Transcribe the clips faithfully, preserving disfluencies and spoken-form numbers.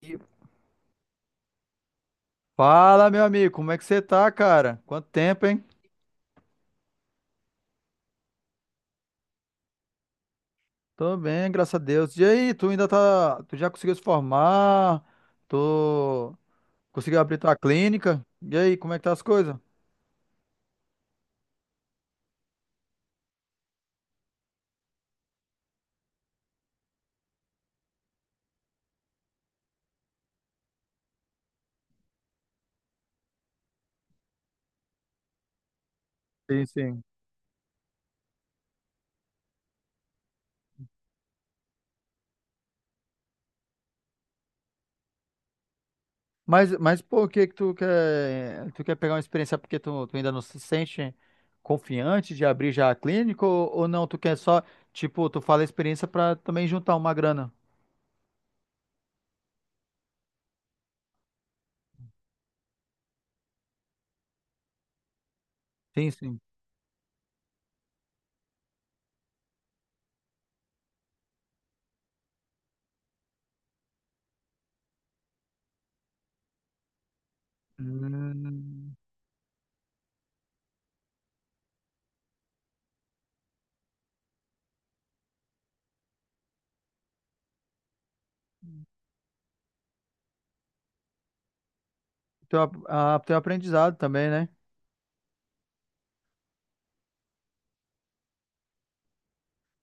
E Fala, meu amigo, como é que você tá, cara? Quanto tempo, hein? Tô bem, graças a Deus. E aí, tu ainda tá, tu já conseguiu se formar? Tu conseguiu abrir tua clínica? E aí, como é que tá as coisas? Sim, sim. Mas, mas por que que tu quer, tu quer pegar uma experiência porque tu, tu ainda não se sente confiante de abrir já a clínica ou, ou não? Tu quer só, tipo, tu fala a experiência pra também juntar uma grana? Sim, sim. Hum, teu, ap- a, teu aprendizado também, né?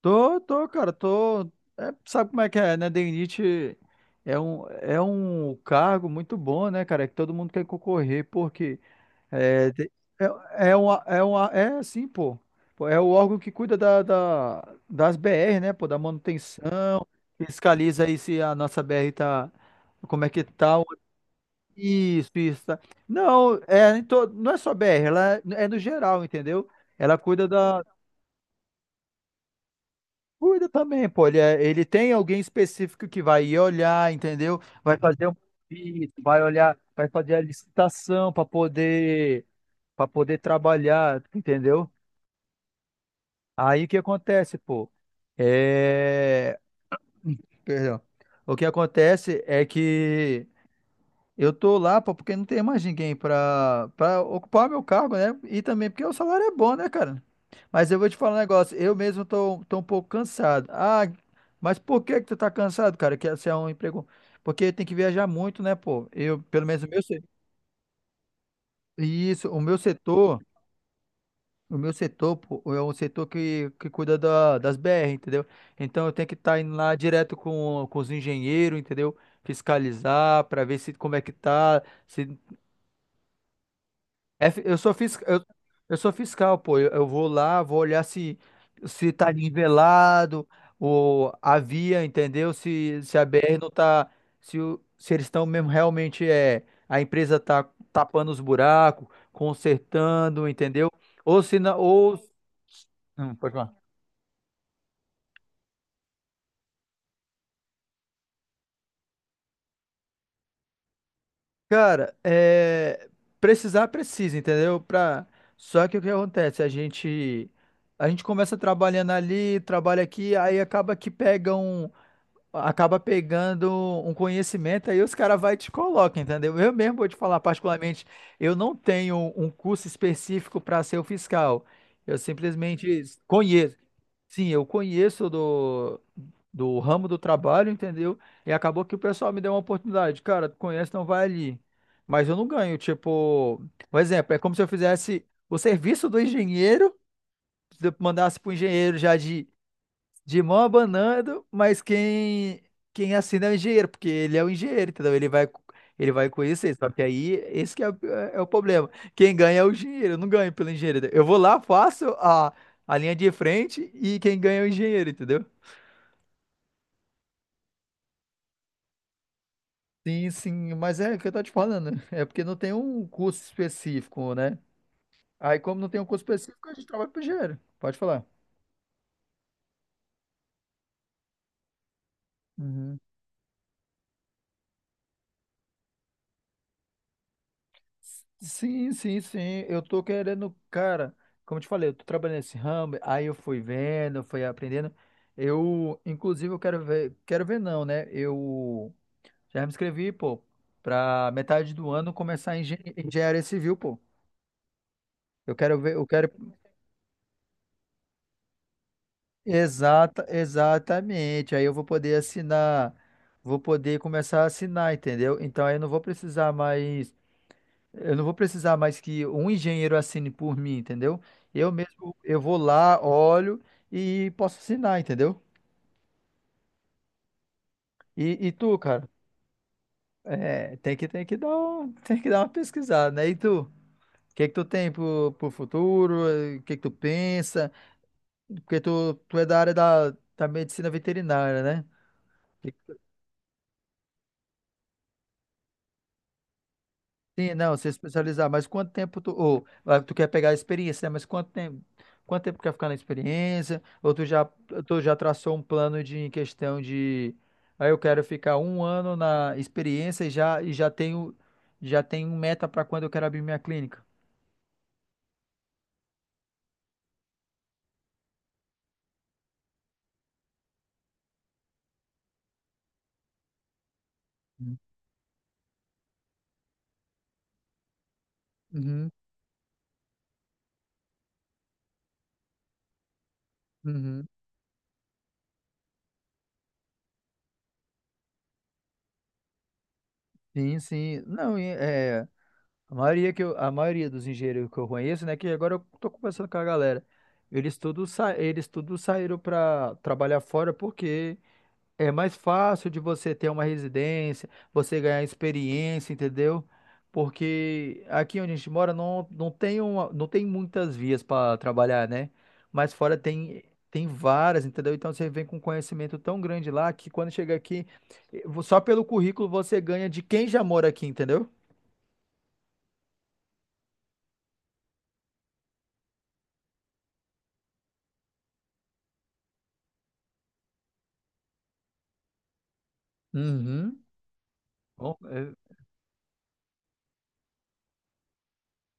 Tô, tô, cara, tô. É, sabe como é que é, né? Denite é um, é um cargo muito bom, né, cara? é Que todo mundo quer concorrer, porque é, te- é, é, uma, é, uma, é assim, pô. Pô, é o órgão que cuida da, da- das B R, né, pô? Da manutenção, fiscaliza aí se a nossa B R tá. Como é que tá? o- Isso, isso. Tá. Não, é, em to- não é só B R, ela é, é no geral, entendeu? Ela cuida da. Cuida também, pô. Ele, é- ele tem alguém específico que vai ir olhar, entendeu? Vai fazer um pedido, vai olhar, vai fazer a licitação para poder, para poder trabalhar, entendeu? Aí o que acontece, pô? É... Perdão. O que acontece é que eu tô lá, pô, porque não tem mais ninguém pra, pra ocupar meu cargo, né? E também porque o salário é bom, né, cara? Mas eu vou te falar um negócio, eu mesmo tô, tô um pouco cansado. Ah, mas por que que tu tá cansado, cara? Que esse é um emprego. Porque tem que viajar muito, né, pô? Eu, pelo menos o meu setor. Isso, o meu setor, o meu setor, pô, é um setor que, que cuida da, das B R, entendeu? Então eu tenho que estar indo lá direto com, com os engenheiros, entendeu? Fiscalizar para ver se como é que tá. se É fi- eu sou fiscal, eu, eu sou fiscal, pô. Eu, eu vou lá, vou olhar se se tá nivelado o a via, entendeu? Se se a B R não tá, se o- se eles estão mesmo realmente é a empresa tá tapando os buracos, consertando, entendeu? Ou se não, ou Hum, pode falar. Cara, é, precisar precisa, entendeu? Pra... Só que o que acontece? A gente a gente começa trabalhando ali, trabalha aqui, aí acaba que pegam acaba pegando um conhecimento, aí os caras vai e te colocam, entendeu? Eu mesmo vou te falar, particularmente, eu não tenho um curso específico para ser o fiscal. Eu simplesmente conheço. Sim, eu conheço do, do ramo do trabalho, entendeu? E acabou que o pessoal me deu uma oportunidade. Cara, tu conhece, não vai ali. Mas eu não ganho, tipo, por exemplo, é como se eu fizesse o serviço do engenheiro, se eu mandasse pro engenheiro já de de mão abanando, mas quem quem assina é o engenheiro, porque ele é o engenheiro, entendeu? Ele vai ele vai conhecer, só que aí esse que é, o- é é o problema. Quem ganha é o engenheiro, eu não ganho pelo engenheiro. Eu vou lá, faço a, a linha de frente e quem ganha é o engenheiro, entendeu? Sim, sim, mas é o que eu tô te falando, é porque não tem um curso específico, né? Aí como não tem um curso específico, a gente trabalha pro engenheiro. Pode falar. Uhum. Sim, sim, sim. Eu tô querendo, cara, como eu te falei, eu tô trabalhando nesse ramo, aí eu fui vendo, fui aprendendo. Eu, inclusive, eu quero ver, quero ver não, né? Eu já me inscrevi, pô, pra metade do ano começar em engen- engenharia civil, pô. Eu quero ver, eu quero. Exata, exatamente. Aí eu vou poder assinar, vou poder começar a assinar, entendeu? Então aí eu não vou precisar mais. Eu não vou precisar mais que um engenheiro assine por mim, entendeu? Eu mesmo, eu vou lá, olho e posso assinar, entendeu? E, e tu, cara, é, tem que, tem que dar, um- tem que dar uma pesquisada, né? E tu, o que é que tu tem pro, pro futuro? O que é que tu pensa? Porque tu, tu é da área da, da medicina veterinária, né? Sim, não, se especializar, mas quanto tempo tu, ou, ah, tu quer pegar a experiência, né? Mas quanto tempo, quanto tempo quer ficar na experiência? Ou tu já, tu já traçou um plano de em questão de, aí eu quero ficar um ano na experiência e já, e já tenho, já tenho meta para quando eu quero abrir minha clínica. Uhum, uhum. Sim, sim. Não, e, é, a maioria que eu, a maioria dos engenheiros que eu conheço, né, que agora eu tô conversando com a galera, eles todos sa, eles todos saíram para trabalhar fora porque é mais fácil de você ter uma residência, você ganhar experiência, entendeu? Porque aqui onde a gente mora não, não tem uma, não tem muitas vias para trabalhar, né? Mas fora tem tem várias, entendeu? Então você vem com um conhecimento tão grande lá que quando chega aqui, eh, vo- só pelo currículo você ganha de quem já mora aqui, entendeu? Uhum. Bom, eh,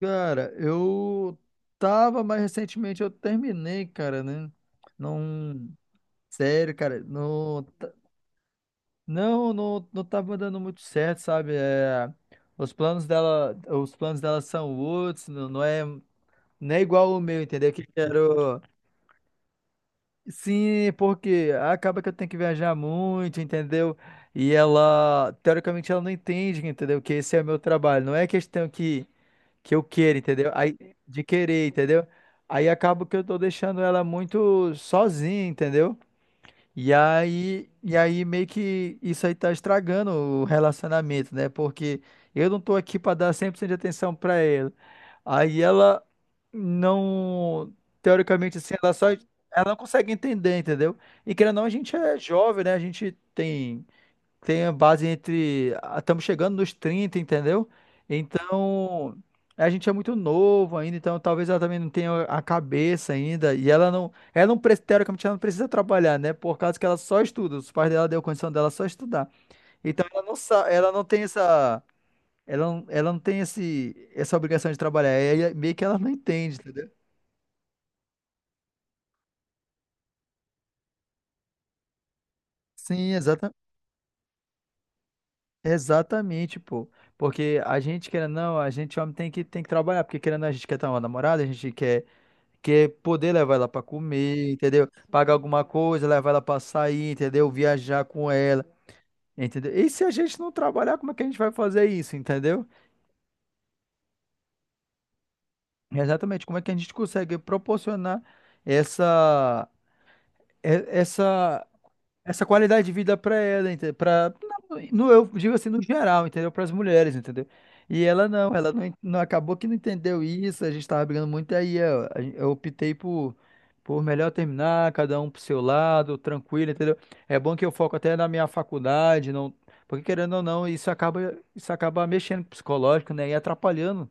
cara, eu tava, mas recentemente eu terminei, cara, né? Não, sério, cara, não. Não, não, não tá dando muito certo, sabe? É, os planos dela, os planos dela são outros, não, não é, não é igual o meu, entendeu? Que eu quero. Sim, porque acaba que eu tenho que viajar muito, entendeu? E ela, teoricamente, ela não entende, entendeu? Que esse é o meu trabalho. Não é questão que, que eu queira, entendeu? Aí, de querer, entendeu? Aí acaba que eu tô deixando ela muito sozinha, entendeu? E aí, e aí meio que isso aí tá estragando o relacionamento, né? Porque eu não tô aqui pra dar cem por cento de atenção pra ela. Aí ela não, teoricamente assim, ela só ela não consegue entender, entendeu? E querendo ou não, a gente é jovem, né? A gente tem tem a base entre. ah, Estamos chegando nos trinta, entendeu? Então, a gente é muito novo ainda, então talvez ela também não tenha a cabeça ainda. E ela não. Ela não, pre- teoricamente, ela não precisa trabalhar, né? Por causa que ela só estuda. Os pais dela deu condição dela só estudar. Então ela não, sa- ela não tem essa. Ela não, ela não tem esse, essa obrigação de trabalhar. É, meio que ela não entende, entendeu? Sim, exata, exatamente, pô. Porque a gente, querendo ou não, a gente homem tem que, tem que trabalhar, porque querendo ou não, a gente quer ter uma namorada, a gente quer que é poder levar ela para comer, entendeu? Pagar alguma coisa, levar ela para sair, entendeu? Viajar com ela, entendeu? E se a gente não trabalhar, como é que a gente vai fazer isso, entendeu? Exatamente, como é que a gente consegue proporcionar essa, e- essa essa qualidade de vida para ela, entendeu? Para no eu digo assim no geral, entendeu? Para as mulheres, entendeu? E ela não, ela não, en- não acabou que não entendeu isso, a gente tava brigando muito aí, eu, a gen- eu optei por por melhor terminar, cada um pro seu lado, tranquilo, entendeu? É bom que eu foco até na minha faculdade, não, porque querendo ou não, isso acaba isso acaba mexendo com o psicológico, né? E atrapalhando.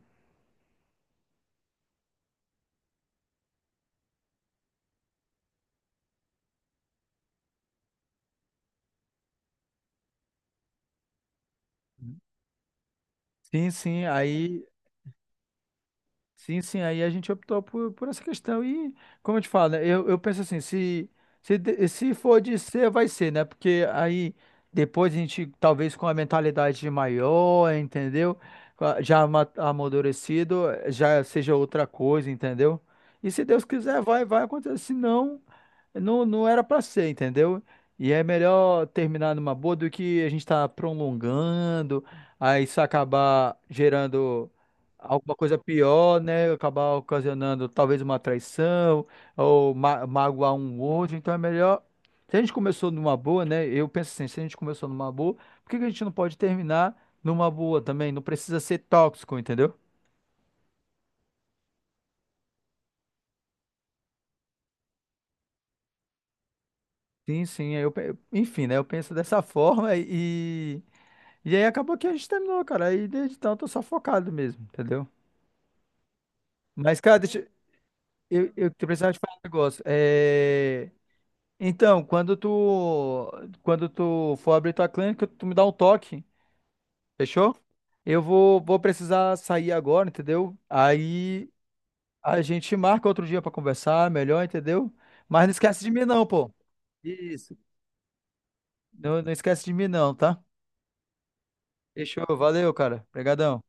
Sim, sim. Aí Sim, sim, aí a gente optou por, por essa questão. E, como eu te falo, né, eu, eu penso assim, se, se, de- se for de ser, vai ser, né? Porque aí depois a gente, talvez com a mentalidade maior, entendeu? Com a- Já ama- amadurecido, eh, já seja outra coisa, entendeu? E se Deus quiser, vai, vai acontecer. Se não, não, não era pra ser, entendeu? E é melhor terminar numa boa do que a gente tá prolongando, aí isso acabar gerando alguma coisa pior, né? Acabar ocasionando talvez uma traição ou ma magoar um outro. Então é melhor. Se a gente começou numa boa, né? Eu penso assim, se a gente começou numa boa, por que que a gente não pode terminar numa boa também? Não precisa ser tóxico, entendeu? Sim, sim. aí Eu, pe- enfim, né? Eu penso dessa forma e. E aí acabou que a gente terminou, cara. Aí desde então eu tô só focado mesmo, entendeu? Mas, cara, deixa eu, eu, eu precisava te falar um negócio. É. Então, quando tu, quando tu for abrir tua clínica, tu me dá um toque, fechou? Eu vou, vou precisar sair agora, entendeu? Aí a gente marca outro dia pra conversar melhor, entendeu? Mas não esquece de mim não, pô. Isso. Não, não esquece de mim não, tá? Fechou, valeu, cara. Obrigadão.